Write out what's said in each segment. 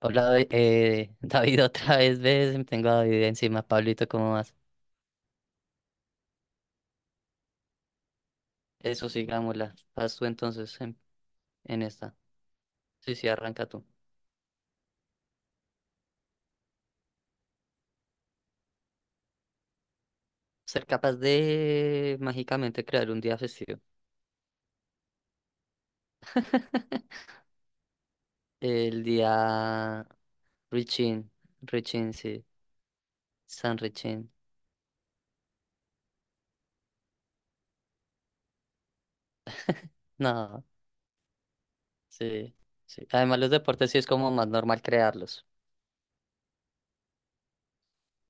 Hola, David, otra vez, ves, tengo a David encima. Pablito, ¿cómo vas? Eso, sigámosla, vas tú entonces en esta. Sí, sí, arranca tú. Ser capaz de mágicamente crear un día festivo. El día Richin, Richin, sí. San Richin. No, sí, sí. Además, los deportes sí es como más normal crearlos.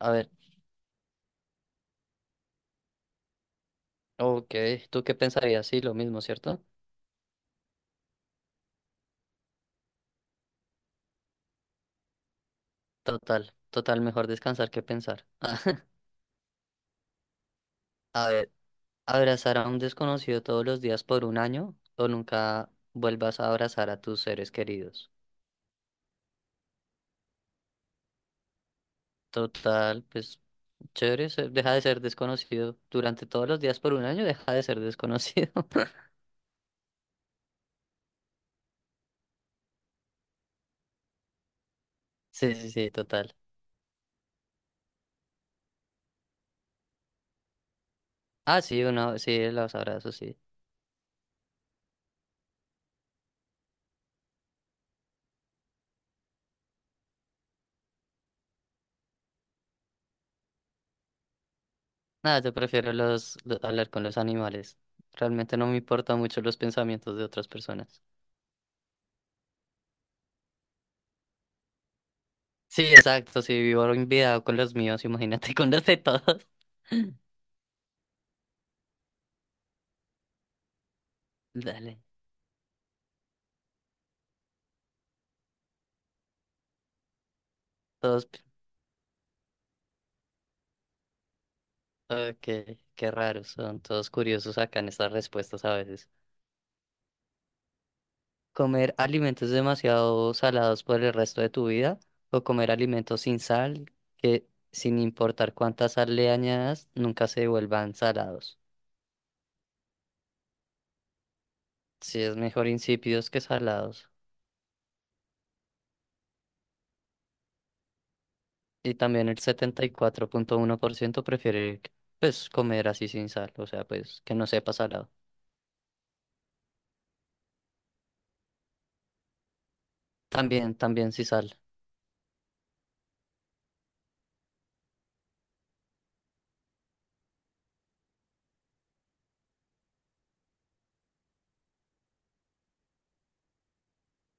A ver, ok, ¿tú qué pensarías? Sí, lo mismo, ¿cierto? Total, total, mejor descansar que pensar. A ver. Abrazar a un desconocido todos los días por un año, o nunca vuelvas a abrazar a tus seres queridos. Total, pues chévere, deja de ser desconocido durante todos los días por un año, deja de ser desconocido. Sí, sí, sí, total. Ah, sí, uno, sí, los abrazos, sí. Nada, yo prefiero hablar con los animales. Realmente no me importan mucho los pensamientos de otras personas. Sí, exacto, si vivo enviado con los míos, imagínate con los de todos. Dale. Todos Ok, qué raros, son todos curiosos acá en estas respuestas a veces. ¿Comer alimentos demasiado salados por el resto de tu vida, o comer alimentos sin sal que, sin importar cuánta sal le añadas, nunca se vuelvan salados? Sí, es mejor insípidos que salados. Y también el 74.1% prefiere, pues, comer así sin sal, o sea, pues, que no sepa salado. También, también sin sal.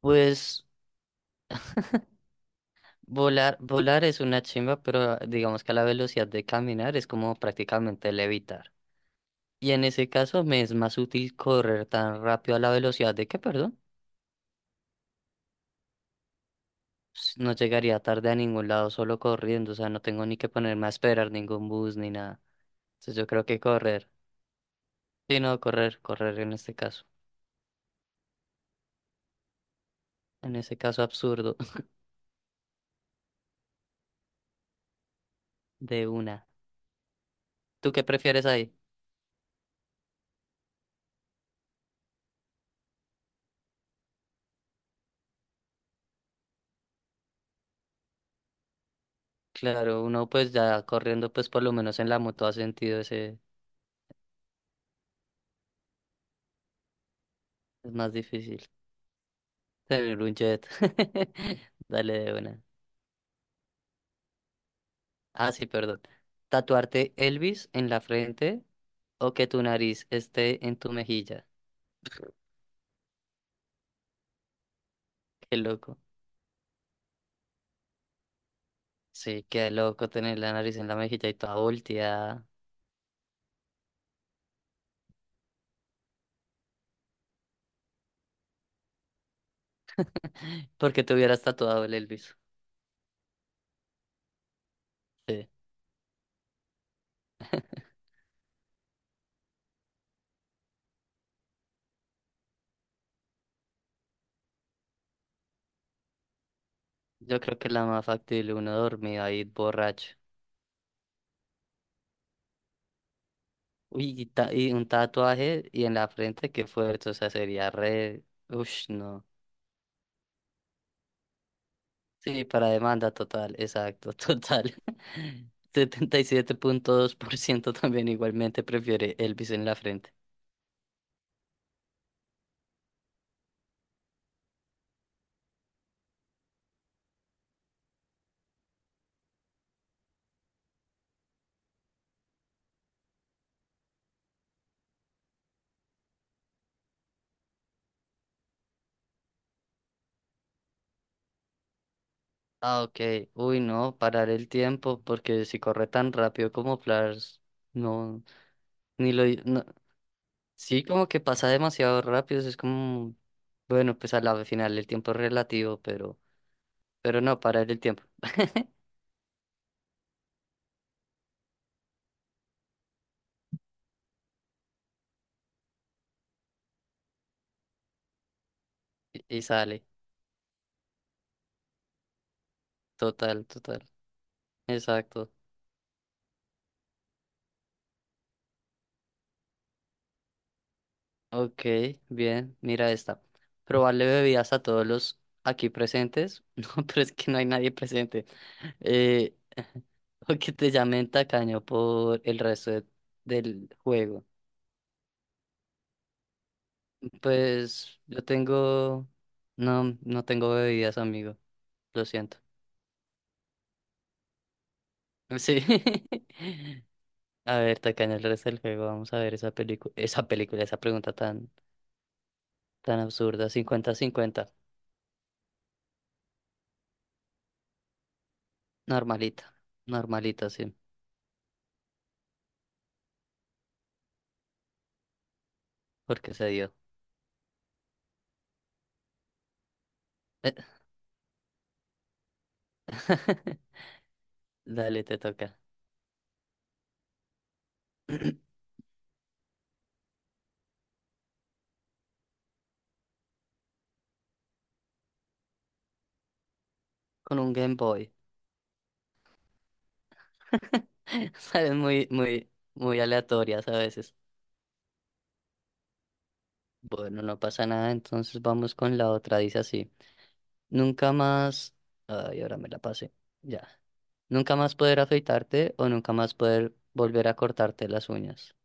Pues, volar, volar es una chimba, pero digamos que a la velocidad de caminar es como prácticamente levitar. Y en ese caso me es más útil correr tan rápido a la velocidad de que, perdón, no llegaría tarde a ningún lado solo corriendo, o sea, no tengo ni que ponerme a esperar ningún bus ni nada. Entonces yo creo que correr. Sí, no, correr, correr en este caso. En ese caso absurdo. De una. ¿Tú qué prefieres ahí? Claro, uno pues ya corriendo pues por lo menos en la moto ha sentido ese, es más difícil. Tener un jet. Dale de una. Ah, sí, perdón. Tatuarte Elvis en la frente, o que tu nariz esté en tu mejilla. Qué loco. Sí, qué loco tener la nariz en la mejilla y toda volteada. ¿Porque te hubieras tatuado el Elvis? Sí. Yo creo que es la más factible, uno dormido ahí borracho. Uy, y, y un tatuaje y en la frente, qué fuerte. O sea, sería re. Ush, no. Sí, para demanda total, exacto, total. 77.2% también igualmente prefiere Elvis en la frente. Ah, ok. Uy, no, parar el tiempo, porque si corre tan rápido como Flash, no, ni lo... no. Sí, como que pasa demasiado rápido, es como... Bueno, pues a la final el tiempo es relativo, pero no, parar el tiempo. Y sale, total, total. Exacto. Ok, bien, mira esta. Probarle bebidas a todos los aquí presentes. No, pero es que no hay nadie presente. Eh, o que te llamen tacaño por el resto del juego. Pues yo tengo... No, no tengo bebidas, amigo. Lo siento. Sí. A ver, tacaño el resto del juego. Vamos a ver esa película, esa pregunta tan, tan absurda. Cincuenta, cincuenta. Normalita. Normalita, sí. Porque se dio. Dale, te toca. Con un Game Boy. Sabes, muy, muy, muy aleatorias a veces. Bueno, no pasa nada, entonces vamos con la otra. Dice así. Nunca más. Ay, ahora me la pasé. Ya. Nunca más poder afeitarte, o nunca más poder volver a cortarte las uñas.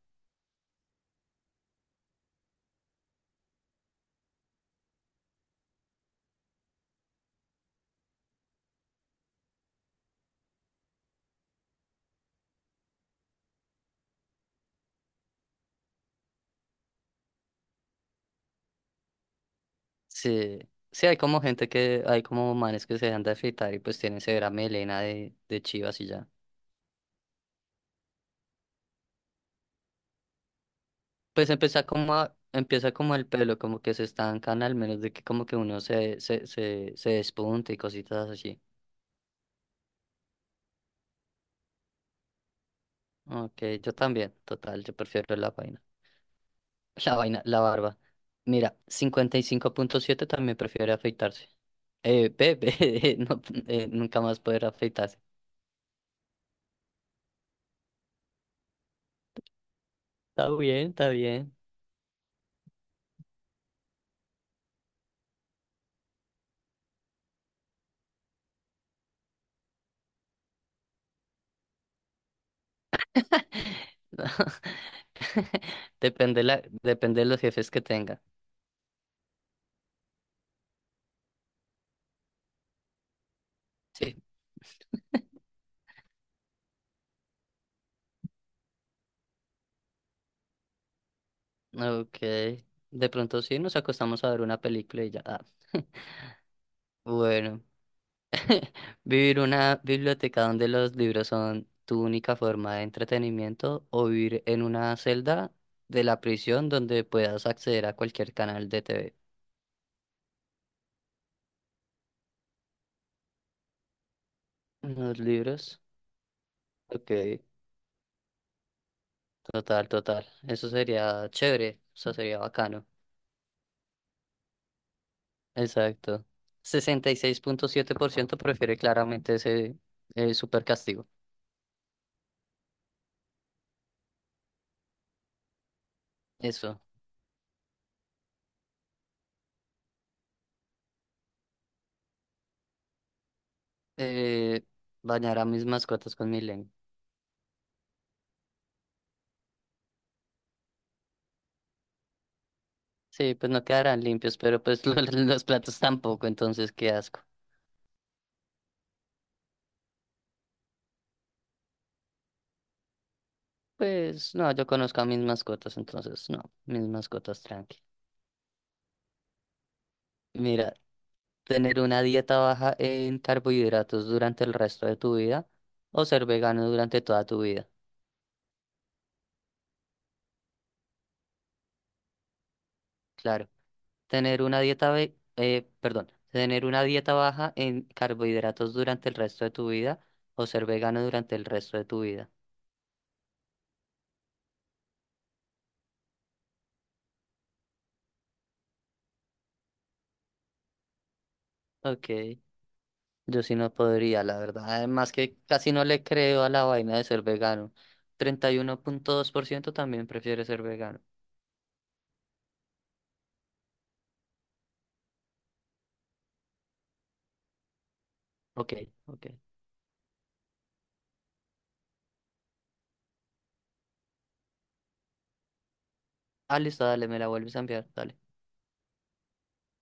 Sí. Sí, hay como gente que, hay como manes que se dejan de afeitar y pues tienen severa melena de chivas y ya. Pues empieza como empieza como el pelo, como que se estancan al menos de que como que uno se despunte y cositas así. Ok, yo también, total, yo prefiero la vaina. La vaina, la barba. Mira, 55.7 también prefiere afeitarse. Bebé, no, nunca más poder afeitarse. Está bien, está bien. Depende la, depende de los jefes que tenga. Sí, ok. De pronto sí, nos acostamos a ver una película y ya. Ah. Bueno. ¿Vivir una biblioteca donde los libros son tu única forma de entretenimiento, o vivir en una celda de la prisión donde puedas acceder a cualquier canal de TV? Los libros, ok, total, total. Eso sería chévere, eso sería bacano. Exacto. 66.7% prefiere claramente ese super castigo. Eso. Eh, bañar a mis mascotas con mi lengua. Sí, pues no quedarán limpios, pero pues lo, los platos tampoco, entonces qué asco. Pues no, yo conozco a mis mascotas, entonces no, mis mascotas tranqui. Mira, tener una dieta baja en carbohidratos durante el resto de tu vida, o ser vegano durante toda tu vida, claro. Tener una dieta perdón, tener una dieta baja en carbohidratos durante el resto de tu vida, o ser vegano durante el resto de tu vida. Ok. Yo sí no podría, la verdad. Además que casi no le creo a la vaina de ser vegano. 31.2% también prefiere ser vegano. Ok, ok. Ah, listo, dale, me la vuelves a enviar. Dale.